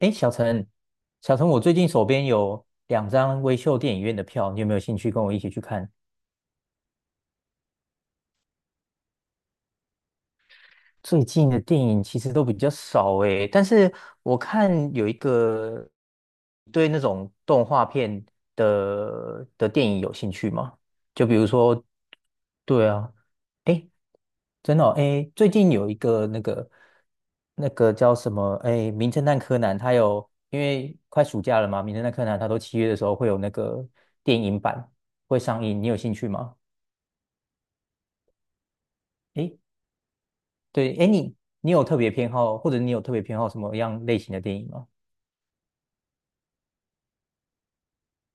哎，小陈，我最近手边有两张微秀电影院的票，你有没有兴趣跟我一起去看？最近的电影其实都比较少诶，但是我看有一个，对那种动画片的电影有兴趣吗？就比如说，对啊，诶，真的哦，诶，最近有一个那个，那个叫什么诶，《名侦探柯南》，它有因为快暑假了嘛，《名侦探柯南》它都七月的时候会有那个电影版会上映，你有兴趣吗？诶对，哎，你有特别偏好，或者你有特别偏好什么样类型的电影吗？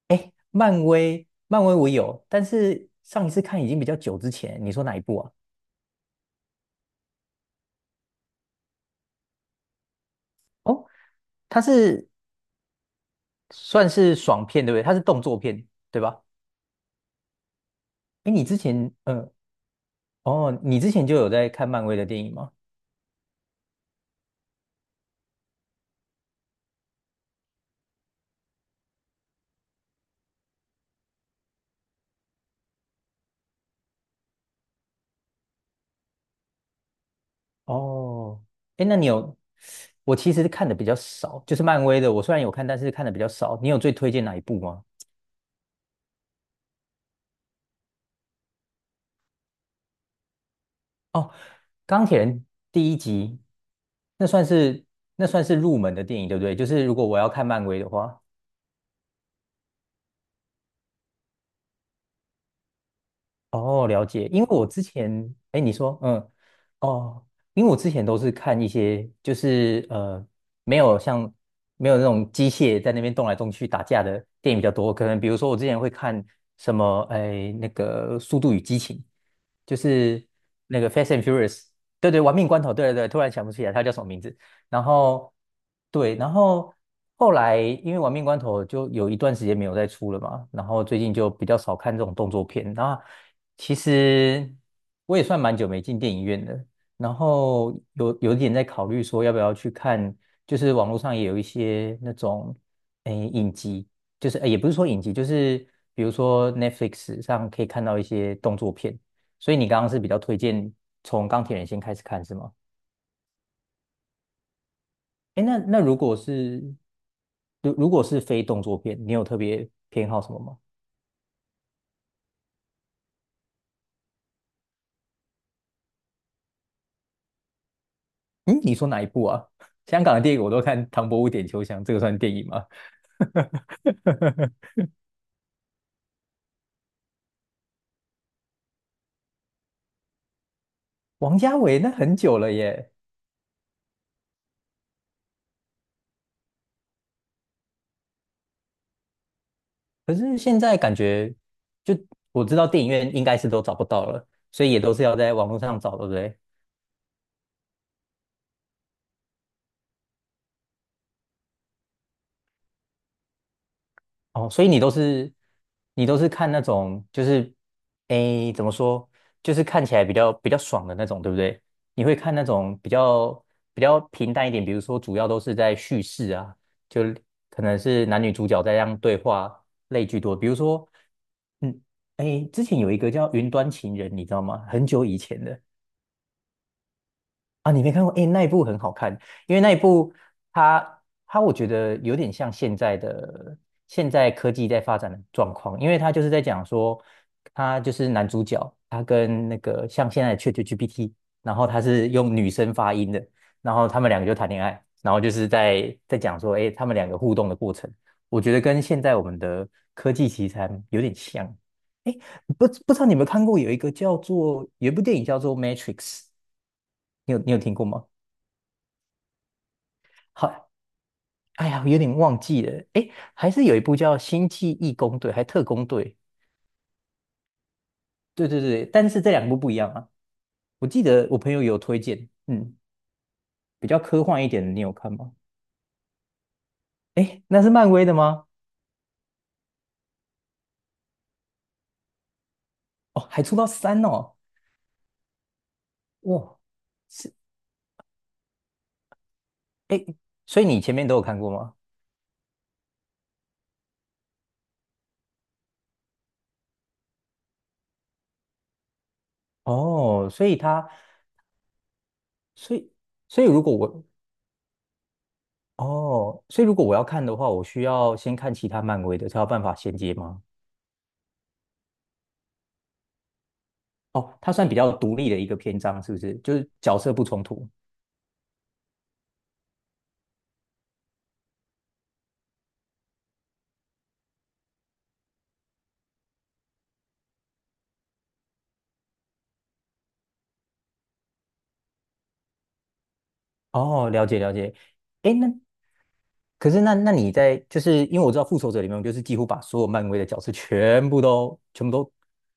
哎，漫威，漫威我有，但是上一次看已经比较久之前，你说哪一部啊？哦，它是算是爽片，对不对？它是动作片，对吧？哎，你之前，哦，你之前就有在看漫威的电影吗？哦，哎，那你有，我其实看的比较少，就是漫威的，我虽然有看，但是看的比较少。你有最推荐哪一部吗？哦，钢铁人第一集，那算是那算是入门的电影，对不对？就是如果我要看漫威的话，哦，了解。因为我之前，哎，你说，哦，因为我之前都是看一些，就是，没有像没有那种机械在那边动来动去打架的电影比较多。可能比如说我之前会看什么，哎，那个《速度与激情》，就是那个《Fast and Furious》，对对，《玩命关头》，对对对，突然想不起来它叫什么名字。然后对，然后后来因为《玩命关头》就有一段时间没有再出了嘛，然后最近就比较少看这种动作片。然后其实我也算蛮久没进电影院的，然后有点在考虑说要不要去看，就是网络上也有一些那种诶影集，就是诶也不是说影集，就是比如说 Netflix 上可以看到一些动作片。所以你刚刚是比较推荐从钢铁人先开始看是吗？哎，那如果是，如果是非动作片，你有特别偏好什么吗？嗯，你说哪一部啊？香港的电影我都看《唐伯虎点秋香》，这个算电影吗？王家卫那很久了耶，可是现在感觉就我知道电影院应该是都找不到了，所以也都是要在网络上找，对不对？哦，所以你都是看那种就是诶，怎么说，就是看起来比较爽的那种，对不对？你会看那种比较平淡一点，比如说主要都是在叙事啊，就可能是男女主角在这样对话类居多。比如说，嗯，诶，之前有一个叫《云端情人》，你知道吗？很久以前的，啊，你没看过？诶，那一部很好看，因为那一部它它我觉得有点像现在的，现在科技在发展的状况，因为它就是在讲说，他就是男主角，他跟那个像现在的 ChatGPT，然后他是用女生发音的，然后他们两个就谈恋爱，然后就是在讲说，诶，他们两个互动的过程，我觉得跟现在我们的科技题材有点像。诶，不知道你有没有看过有一个叫做，有一部电影叫做《Matrix》，你有听过吗？好，哎呀，有点忘记了。哎，还是有一部叫《星际义工队》还《特工队》，对对对，但是这两部不一样啊。我记得我朋友有推荐，嗯，比较科幻一点的，你有看吗？哎，那是漫威的吗？哦，还出到三哦，哇，是哎，诶所以你前面都有看过吗？哦，所以他，所以所以如果我，哦，所以如果我要看的话，我需要先看其他漫威的，才有办法衔接吗？哦，它算比较独立的一个篇章，是不是？就是角色不冲突。哦，了解了解。诶，那可是那你在，就是因为我知道复仇者联盟就是几乎把所有漫威的角色全部都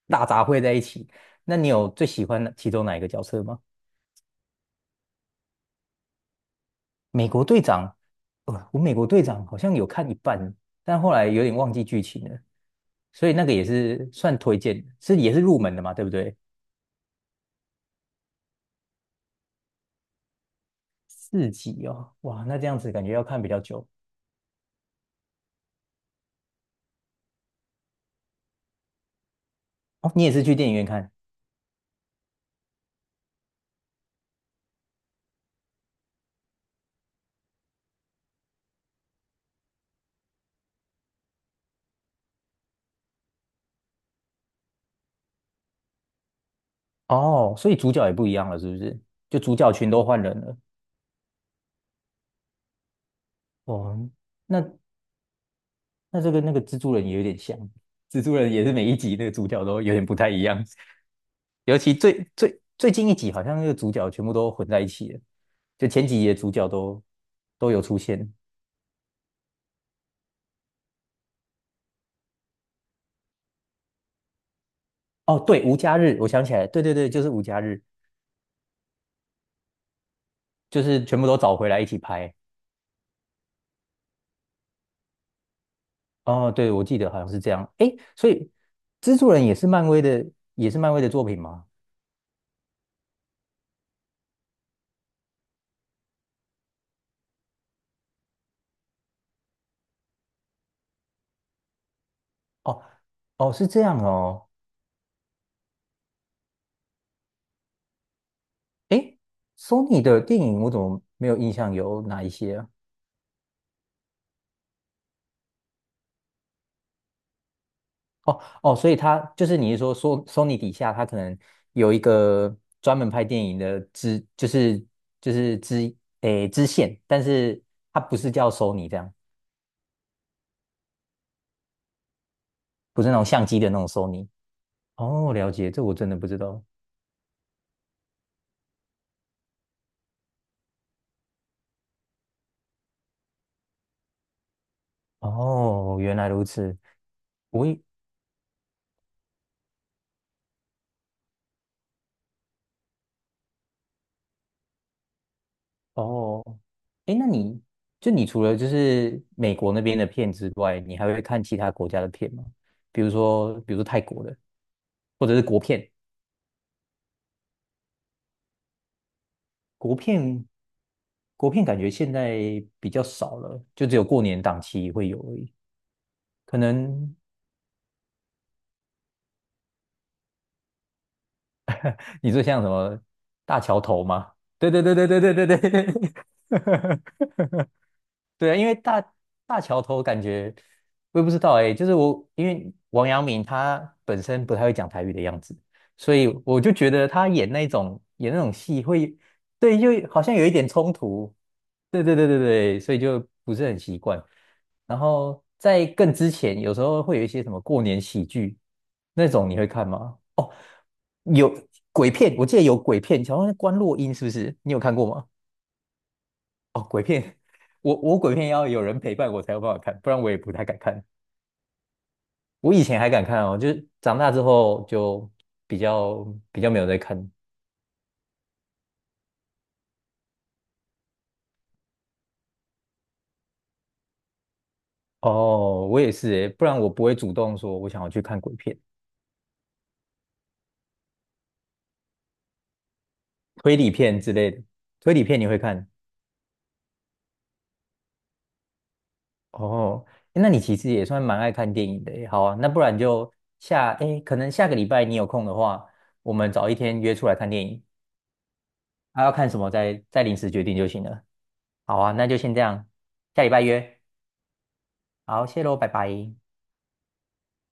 大杂烩在一起。那你有最喜欢哪其中哪一个角色吗？美国队长，呃，我美国队长好像有看一半，但后来有点忘记剧情了，所以那个也是算推荐，是也是入门的嘛，对不对？四集哦，哇，那这样子感觉要看比较久。哦，你也是去电影院看，哦，所以主角也不一样了，是不是？就主角群都换人了。哦，那那这个那个蜘蛛人也有点像，蜘蛛人也是每一集那个主角都有点不太一样，尤其最近一集好像那个主角全部都混在一起了，就前几集的主角都有出现。哦，对，无家日，我想起来了，对对对，就是无家日，就是全部都找回来一起拍。哦，对，我记得好像是这样。诶，所以蜘蛛人也是漫威的，也是漫威的作品吗？哦哦，是这样哦。诶，Sony 的电影我怎么没有印象有哪一些啊？哦哦，所以它就是你是说，Sony 底下它可能有一个专门拍电影的支，就是诶支线，但是它不是叫 Sony 这样，不是那种相机的那种 Sony。哦，了解，这我真的不知道。哦，原来如此。我以哦，哎，那你就你除了就是美国那边的片之外，你还会看其他国家的片吗？比如说，比如说泰国的，或者是国片，国片，国片感觉现在比较少了，就只有过年档期会有而已。可能 你说像什么大桥头吗？对对对对对对对对，对啊，因为大桥头感觉我也不知道，哎、就是我因为王阳明他本身不太会讲台语的样子，所以我就觉得他演那种戏会，对，就好像有一点冲突，对对对对对，所以就不是很习惯。然后在更之前，有时候会有一些什么过年喜剧那种，你会看吗？哦，有鬼片，我记得有鬼片，好像是关洛英是不是？你有看过吗？片我，鬼片要有人陪伴我才有办法看，不然我也不太敢看。我以前还敢看哦，就是长大之后就比较比较没有在看。哦，我也是诶，不然我不会主动说我想要去看鬼片、推理片之类的。推理片你会看？哦，诶那你其实也算蛮爱看电影的耶，好啊，那不然就下，诶，可能下个礼拜你有空的话，我们找一天约出来看电影。啊，要看什么再临时决定就行了。好啊，那就先这样，下礼拜约。好，谢喽，拜拜。